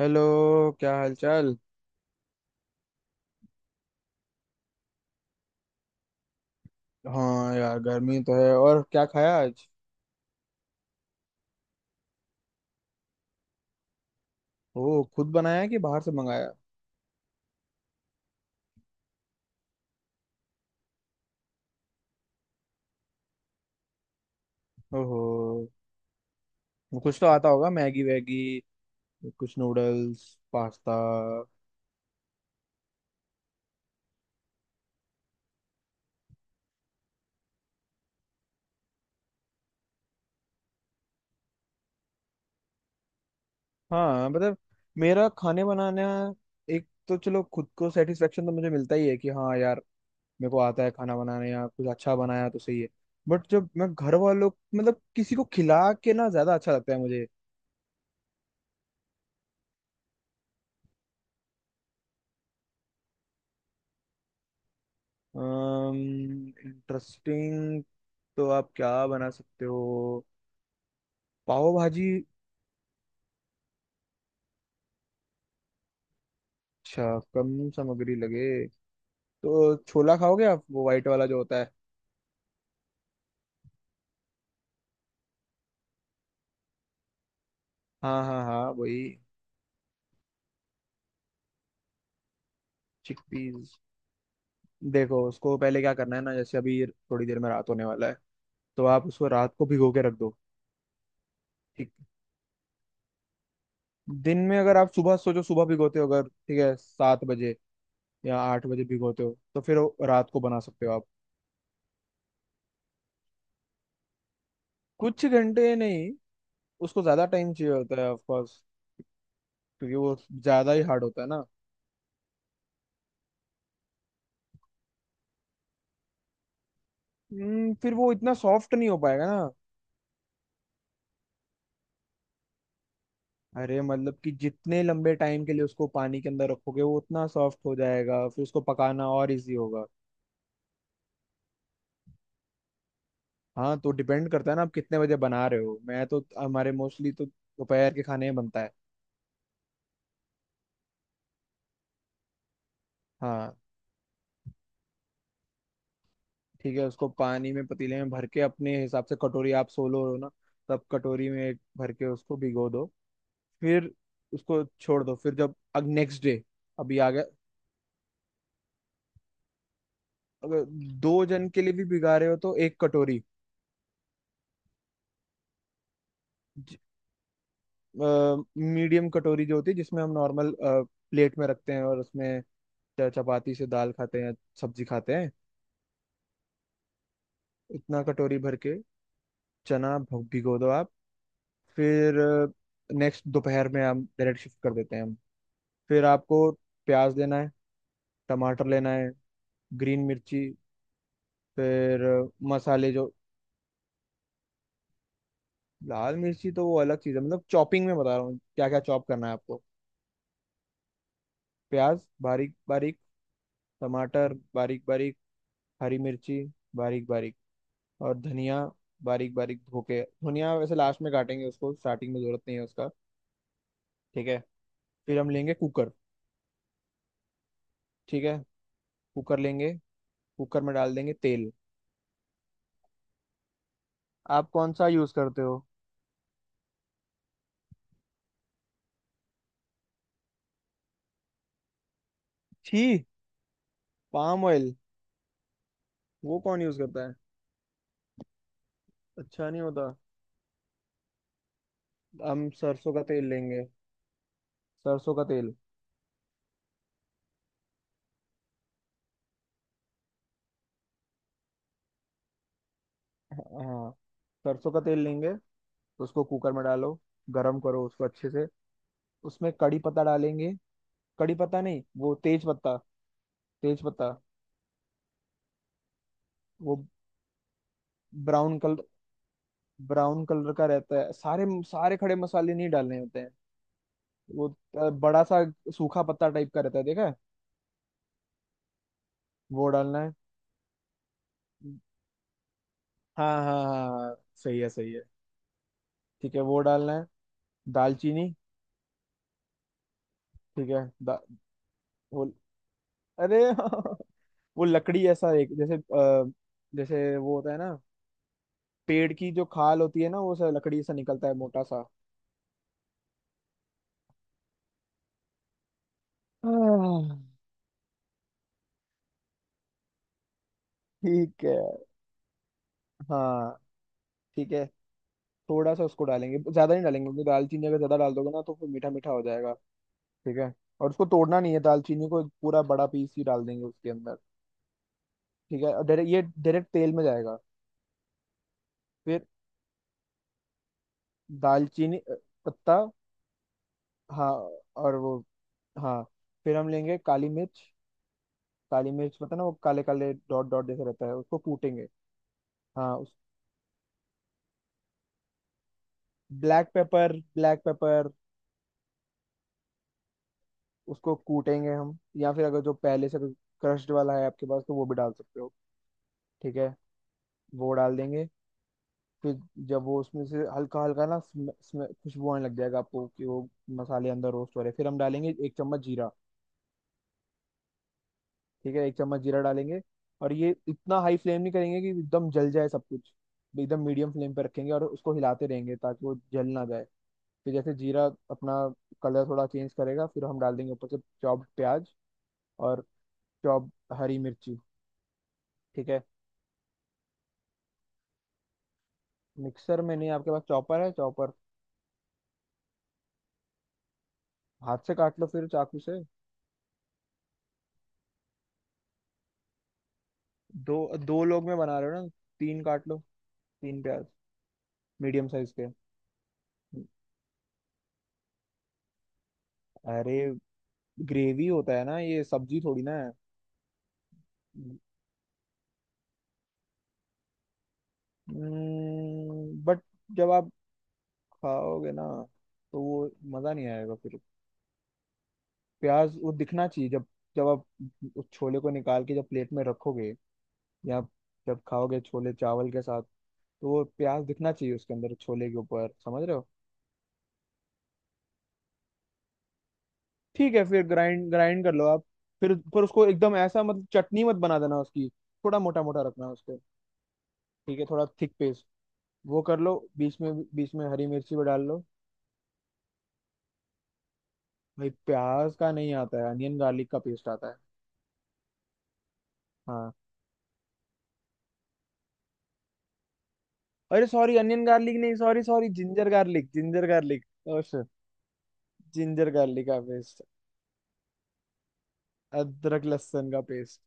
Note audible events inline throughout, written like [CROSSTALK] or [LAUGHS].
Hello. क्या हालचाल। हाँ यार, गर्मी तो है। और क्या खाया आज? ओह, खुद बनाया कि बाहर से मंगाया? ओहो, कुछ तो आता होगा, मैगी वैगी, कुछ नूडल्स, पास्ता। हाँ, मतलब मेरा खाने बनाना, एक तो चलो खुद को सेटिस्फेक्शन तो मुझे मिलता ही है कि हाँ यार, मेरे को आता है खाना बनाने, या कुछ अच्छा बनाया तो सही है। बट जब मैं घर वालों, मतलब किसी को खिला के ना, ज्यादा अच्छा लगता है मुझे। इंटरेस्टिंग? तो आप क्या बना सकते हो? पाव भाजी। अच्छा, कम सामग्री लगे, तो छोला खाओगे आप? वो वाइट वाला जो होता है। हाँ हाँ हाँ, वही। चिकपीस। देखो, उसको पहले क्या करना है ना, जैसे अभी थोड़ी देर में रात होने वाला है, तो आप उसको रात को भिगो के रख दो। ठीक। दिन में अगर आप सुबह सोचो, सुबह भिगोते हो, अगर ठीक है 7 बजे या 8 बजे भिगोते हो, तो फिर वो रात को बना सकते हो आप। कुछ घंटे नहीं, उसको ज्यादा टाइम चाहिए होता है ऑफ, क्योंकि वो ज्यादा ही हार्ड होता है ना। फिर वो इतना सॉफ्ट नहीं हो पाएगा ना। अरे मतलब कि जितने लंबे टाइम के लिए उसको पानी के अंदर रखोगे, वो उतना सॉफ्ट हो जाएगा, फिर उसको पकाना और इजी होगा। हाँ, तो डिपेंड करता है ना, आप कितने बजे बना रहे हो। मैं तो हमारे मोस्टली तो दोपहर के खाने में बनता है। हाँ। ठीक है, उसको पानी में पतीले में भर के, अपने हिसाब से कटोरी, आप सोलो हो ना, तब कटोरी में भर के उसको भिगो दो। फिर उसको छोड़ दो, फिर जब अब नेक्स्ट डे, अभी आ गया। अगर दो जन के लिए भी भिगा रहे हो, तो 1 कटोरी। मीडियम कटोरी जो होती है, जिसमें हम नॉर्मल प्लेट में रखते हैं, और उसमें चपाती से दाल खाते हैं, सब्जी खाते हैं। इतना कटोरी भर के चना भिगो दो आप। फिर नेक्स्ट दोपहर में हम डायरेक्ट शिफ्ट कर देते हैं हम। फिर आपको प्याज लेना है, टमाटर लेना है, ग्रीन मिर्ची। फिर मसाले जो। लाल मिर्ची तो वो अलग चीज़ है, मतलब चॉपिंग में बता रहा हूँ क्या क्या चॉप करना है आपको। प्याज बारीक बारीक, टमाटर बारीक बारीक, हरी मिर्ची बारीक बारीक, और धनिया बारीक बारीक धो के। धनिया वैसे लास्ट में काटेंगे, उसको स्टार्टिंग में जरूरत नहीं है उसका। ठीक है, फिर हम लेंगे कुकर। ठीक है, कुकर लेंगे। कुकर में डाल देंगे तेल। आप कौन सा यूज करते हो? छी, पाम ऑयल? वो कौन यूज करता है? अच्छा नहीं होता। हम सरसों का तेल लेंगे। सरसों का तेल। हाँ, सरसों का तेल लेंगे। उसको कुकर में डालो, गरम करो उसको अच्छे से। उसमें कड़ी पत्ता डालेंगे। कड़ी पत्ता नहीं, वो तेज पत्ता। तेज पत्ता। वो ब्राउन कलर ब्राउन कलर का रहता है। सारे सारे खड़े मसाले नहीं डालने होते हैं। वो बड़ा सा सूखा पत्ता टाइप का रहता है, देखा है? वो डालना है। हाँ हाँ हाँ हाँ, सही है सही है। ठीक है, वो डालना है। दालचीनी। ठीक है। वो, अरे [LAUGHS] वो लकड़ी ऐसा एक, जैसे जैसे वो होता है ना, पेड़ की जो खाल होती है ना, वो सा लकड़ी ऐसा निकलता है मोटा सा। आह। ठीक है। हाँ। ठीक है, थोड़ा सा उसको डालेंगे, ज्यादा नहीं डालेंगे, क्योंकि दालचीनी अगर ज्यादा डाल दोगे ना तो फिर मीठा मीठा हो जाएगा। ठीक है। और उसको तोड़ना नहीं है, दालचीनी को पूरा बड़ा पीस ही डाल देंगे उसके अंदर। ठीक है। और डायरेक्ट तेल में जाएगा। फिर दालचीनी, पत्ता। हाँ, और वो, हाँ, फिर हम लेंगे काली मिर्च। काली मिर्च, पता ना, वो काले काले डॉट डॉट जैसे रहता है, उसको कूटेंगे। हाँ, उस ब्लैक पेपर, ब्लैक पेपर। उसको कूटेंगे हम, या फिर अगर जो पहले से क्रश्ड वाला है आपके पास तो वो भी डाल सकते हो। ठीक है, वो डाल देंगे। फिर जब वो उसमें से हल्का हल्का ना खुशबू आने लग जाएगा आपको कि वो मसाले अंदर रोस्ट हो रहे हैं, फिर हम डालेंगे 1 चम्मच जीरा। ठीक है, 1 चम्मच जीरा डालेंगे। और ये इतना हाई फ्लेम नहीं करेंगे कि एकदम जल जाए सब कुछ, एकदम मीडियम फ्लेम पर रखेंगे और उसको हिलाते रहेंगे ताकि वो जल ना जाए। फिर जैसे जीरा अपना कलर थोड़ा चेंज करेगा, फिर हम डाल देंगे ऊपर से चॉप्ड प्याज और चॉप हरी मिर्ची। ठीक है, मिक्सर में नहीं, आपके पास चॉपर है, चॉपर। हाथ से काट लो फिर चाकू से। दो, दो लोग में बना रहे हो ना, तीन काट लो, तीन प्याज मीडियम साइज के। अरे ग्रेवी होता है ना, ये सब्जी थोड़ी ना है। बट जब आप खाओगे ना, तो वो मज़ा नहीं आएगा फिर। प्याज वो दिखना चाहिए, जब जब आप उस छोले को निकाल के जब प्लेट में रखोगे, या जब खाओगे छोले चावल के साथ, तो वो प्याज दिखना चाहिए उसके अंदर, छोले के ऊपर, समझ रहे हो। ठीक है, फिर ग्राइंड ग्राइंड कर लो आप, फिर पर उसको एकदम ऐसा, मतलब चटनी मत बना देना उसकी। थोड़ा मोटा मोटा रखना उसको। ठीक है, थोड़ा थिक पेस्ट, वो कर लो, बीच में हरी मिर्ची भी डाल लो। भाई प्याज का नहीं आता है, अनियन गार्लिक का पेस्ट आता है। हाँ। अरे सॉरी, अनियन गार्लिक नहीं, sorry sorry, ginger garlic, ginger garlic. Oh, ginger garlic का पेस्ट, अदरक लहसुन का पेस्ट।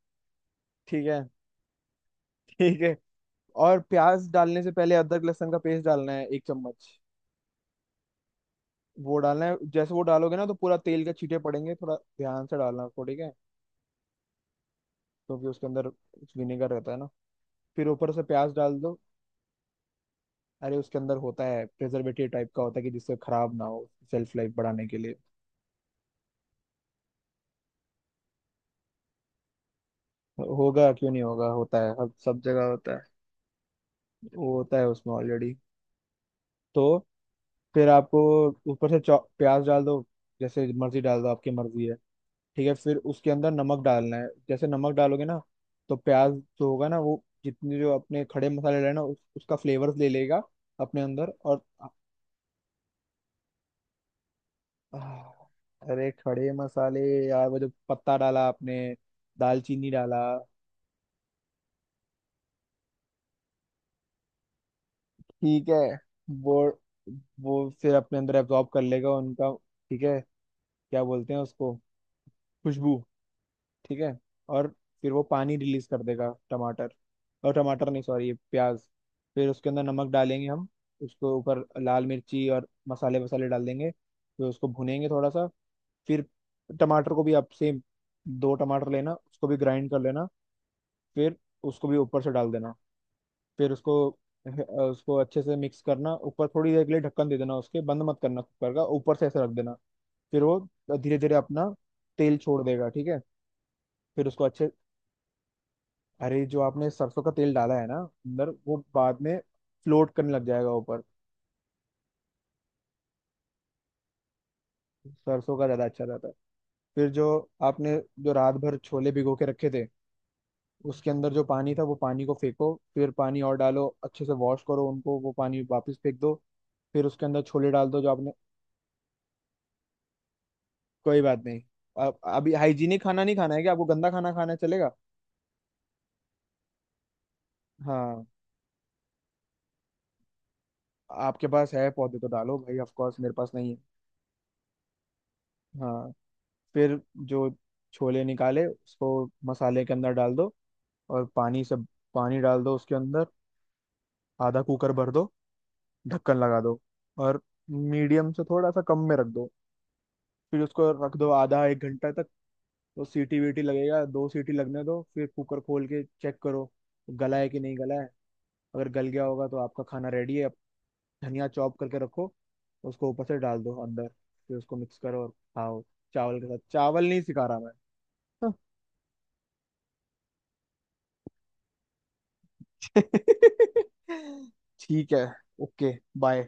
ठीक है। ठीक है, और प्याज डालने से पहले अदरक लहसुन का पेस्ट डालना है, 1 चम्मच। वो डालना है, जैसे वो डालोगे ना तो पूरा तेल के छींटे पड़ेंगे, थोड़ा ध्यान से डालना उसको, ठीक है। क्योंकि उसके अंदर विनेगर रहता है ना। फिर ऊपर से प्याज डाल दो। अरे उसके अंदर होता है, प्रिजर्वेटिव टाइप का होता है कि जिससे खराब ना हो, सेल्फ लाइफ बढ़ाने के लिए। होगा, क्यों नहीं होगा, होता है अब सब जगह होता है। वो होता है उसमें ऑलरेडी। तो फिर आपको ऊपर से प्याज डाल दो, जैसे मर्जी डाल दो, आपकी मर्जी है। ठीक है, फिर उसके अंदर नमक डालना है, जैसे नमक डालोगे ना तो प्याज जो होगा ना वो, जितने जो अपने खड़े मसाले डाले ना, उसका फ्लेवर ले लेगा अपने अंदर। और आह, अरे खड़े मसाले यार, वो जो पत्ता डाला आपने, दालचीनी डाला। ठीक है, वो वो फिर अपने अंदर एब्जॉर्ब कर लेगा उनका। ठीक है, क्या बोलते हैं उसको, खुशबू। ठीक है। और फिर वो पानी रिलीज कर देगा टमाटर, और टमाटर नहीं सॉरी, प्याज। फिर उसके अंदर नमक डालेंगे हम, उसको ऊपर लाल मिर्ची और मसाले वसाले डाल देंगे, फिर उसको भुनेंगे थोड़ा सा। फिर टमाटर को भी आप सेम, दो टमाटर लेना, उसको भी ग्राइंड कर लेना। फिर उसको भी ऊपर से डाल देना। फिर उसको उसको अच्छे से मिक्स करना, ऊपर थोड़ी देर के लिए ढक्कन दे देना उसके, बंद मत करना कुकर का, ऊपर से ऐसे रख देना। फिर वो धीरे धीरे अपना तेल छोड़ देगा। ठीक है, फिर उसको अच्छे, अरे जो आपने सरसों का तेल डाला है ना अंदर वो बाद में फ्लोट करने लग जाएगा ऊपर। सरसों का ज्यादा अच्छा रहता है। फिर जो आपने, जो रात भर छोले भिगो के रखे थे उसके अंदर जो पानी था, वो पानी को फेंको, फिर पानी और डालो अच्छे से, वॉश करो उनको, वो पानी वापस फेंक दो। फिर उसके अंदर छोले डाल दो जो आपने, कोई बात नहीं। अब अभी हाइजीनिक खाना नहीं खाना है क्या आपको? गंदा खाना खाना है, चलेगा? हाँ, आपके पास है पौधे तो डालो भाई, ऑफ कोर्स मेरे पास नहीं है। हाँ, फिर जो छोले निकाले उसको मसाले के अंदर डाल दो, और पानी सब, पानी डाल दो उसके अंदर, आधा कुकर भर दो, ढक्कन लगा दो, और मीडियम से थोड़ा सा कम में रख दो। फिर उसको रख दो आधा एक घंटा तक, तो सीटी वीटी लगेगा, 2 सीटी लगने दो, फिर कुकर खोल के चेक करो, गला है कि नहीं गला है, अगर गल गया होगा तो आपका खाना रेडी है अब। धनिया चॉप करके रखो, उसको ऊपर से डाल दो अंदर, फिर उसको मिक्स करो और खाओ, चावल के साथ। चावल नहीं सिखा रहा मैं, [LAUGHS] हाँ। ठीक है। ओके। बाय।